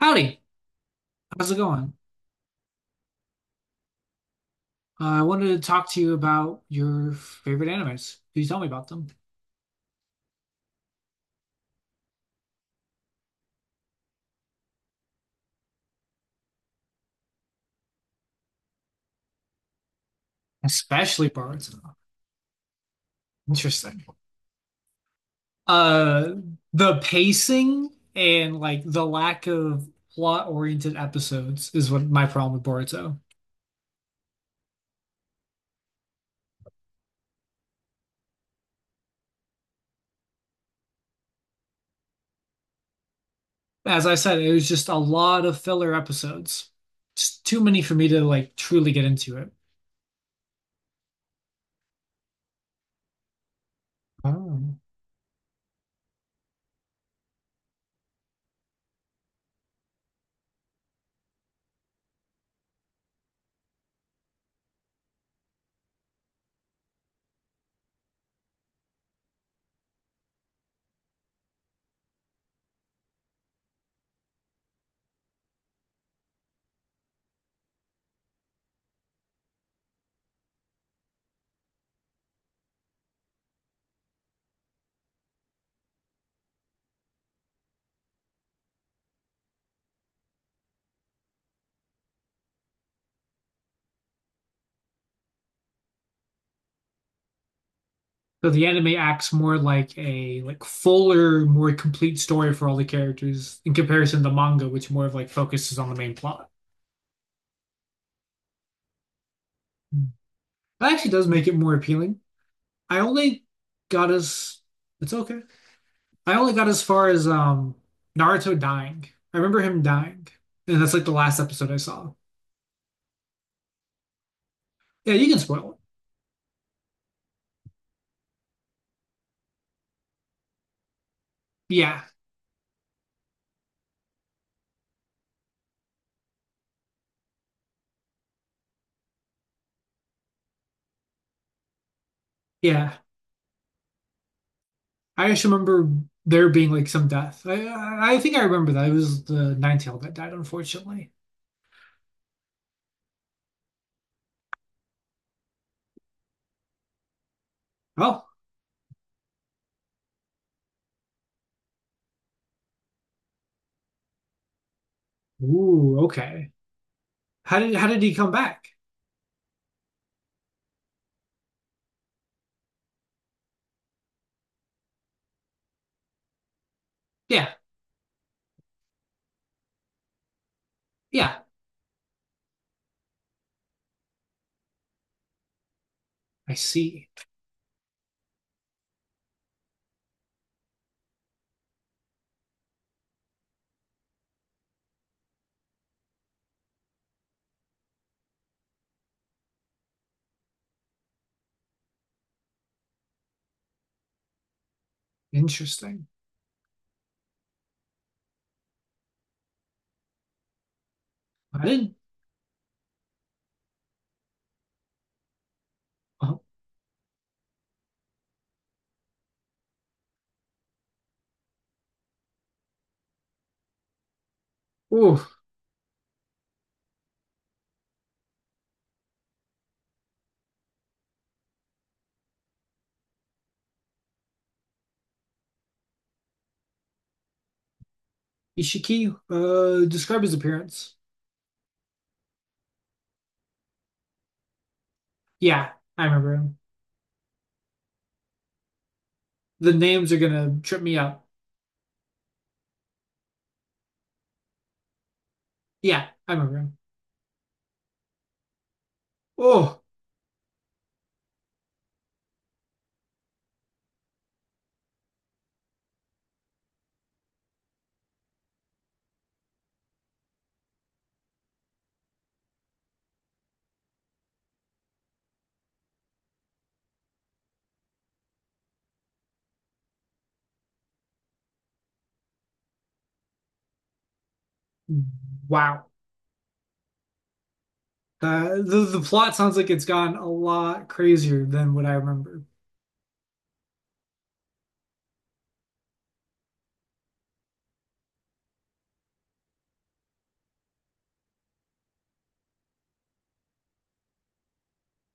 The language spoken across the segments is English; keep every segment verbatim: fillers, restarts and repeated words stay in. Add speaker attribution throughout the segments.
Speaker 1: Howdy, how's it going? Uh, I wanted to talk to you about your favorite animes. Could you tell me about them? Especially Boruto. Interesting. Uh, the pacing and like the lack of plot-oriented episodes is what my problem with Boruto. As I said, it was just a lot of filler episodes. Just too many for me to like truly get into it. Oh. So the anime acts more like a like fuller, more complete story for all the characters in comparison to the manga, which more of like focuses on the main plot. That actually does make it more appealing. I only got as It's okay. I only got as far as um Naruto dying. I remember him dying, and that's like the last episode I saw. Yeah, you can spoil it. Yeah, yeah. I just remember there being like some death. I I I think I remember that it was the Ninetale that died, unfortunately. Oh, ooh, okay. How did how did he come back? Yeah, yeah, I see. Interesting. I didn't. Oh, ooh. Ishiki, uh, describe his appearance. Yeah, I remember him. The names are gonna trip me up. Yeah, I remember him. Oh, wow. Uh, the the plot sounds like it's gone a lot crazier than what I remember.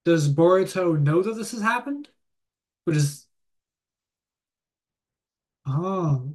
Speaker 1: Does Boruto know that this has happened? Which is oh,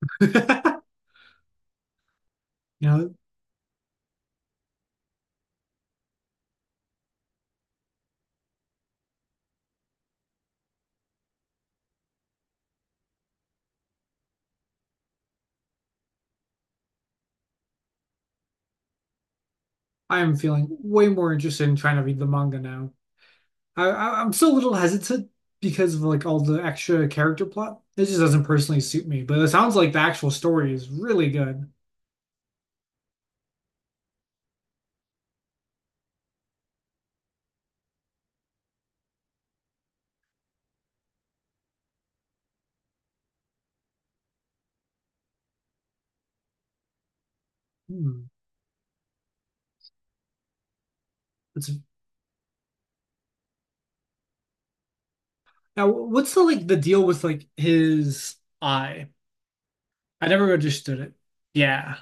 Speaker 1: you know, I'm feeling way more interested in trying to read the manga now. I, I I'm still a little hesitant because of like all the extra character plot. It just doesn't personally suit me. But it sounds like the actual story is really good. Hmm. It's, now, what's the like the deal with like his eye? I never understood it. Yeah,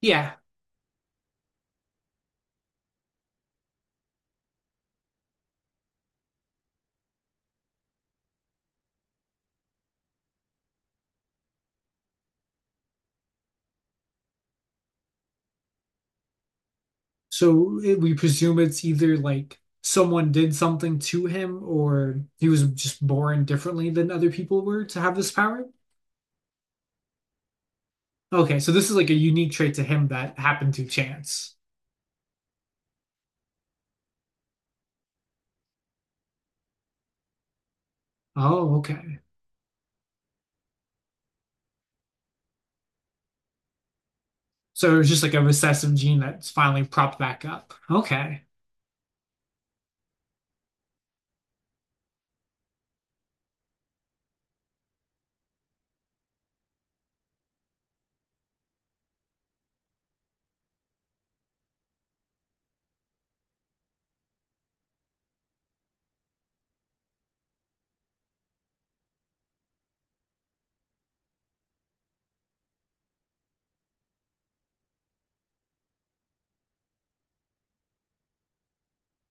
Speaker 1: yeah. So it, we presume it's either like someone did something to him, or he was just born differently than other people were to have this power. Okay, so this is like a unique trait to him that happened to chance. Oh, okay. So it was just like a recessive gene that's finally propped back up. Okay.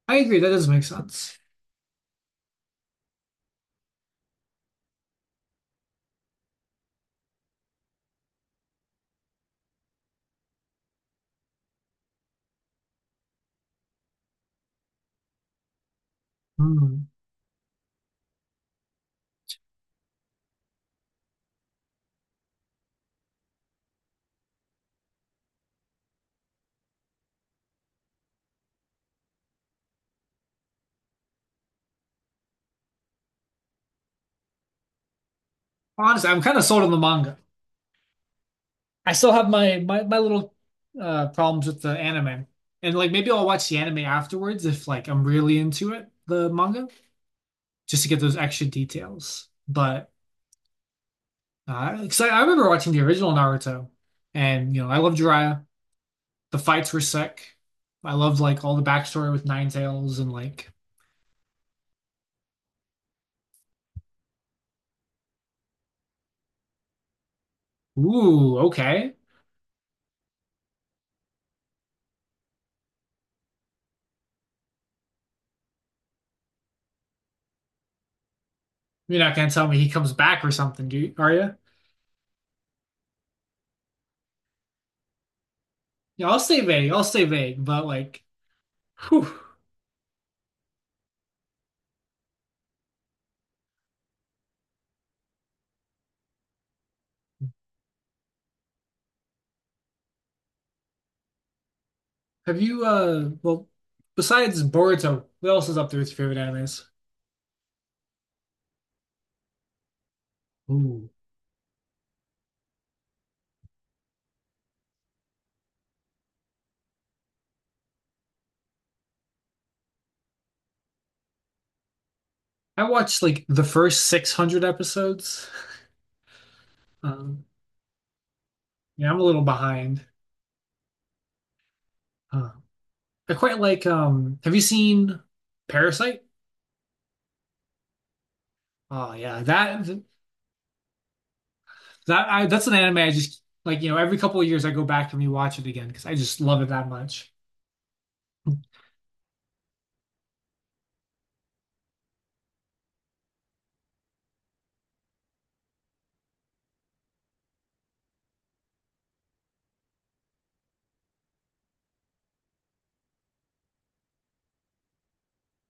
Speaker 1: I agree. That does make sense. Hmm. Honestly, I'm kind of sold on the manga. I still have my my, my little uh, problems with the anime. And like maybe I'll watch the anime afterwards if like I'm really into it, the manga, just to get those extra details. But uh, 'cause I, I remember watching the original Naruto and you know, I loved Jiraiya. The fights were sick. I loved like all the backstory with Nine Tails and like, ooh, okay. You're not gonna tell me he comes back or something, do you, are you? Yeah, I'll stay vague. I'll stay vague, but like, whew. Have you uh well besides Boruto, what else is up there with your favorite animes? Ooh. I watched like the first six hundred episodes. Um, yeah, I'm a little behind. Uh, I quite like um have you seen Parasite? Oh yeah, that that I that's an anime I just like, you know, every couple of years I go back and rewatch it again because I just love it that much.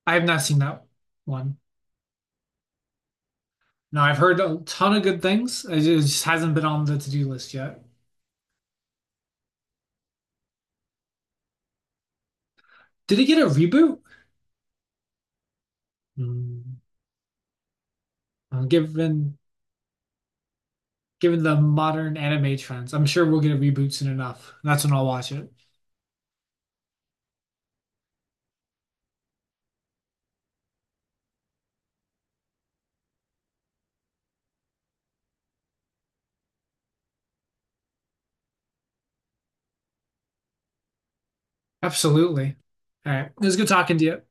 Speaker 1: I have not seen that one. No, I've heard a ton of good things. It ju- it just hasn't been on the to-do list yet. Did it get a reboot? Hmm. Uh, given Given the modern anime trends, I'm sure we'll get a reboot soon enough. That's when I'll watch it. Absolutely. All right. It was good talking to you.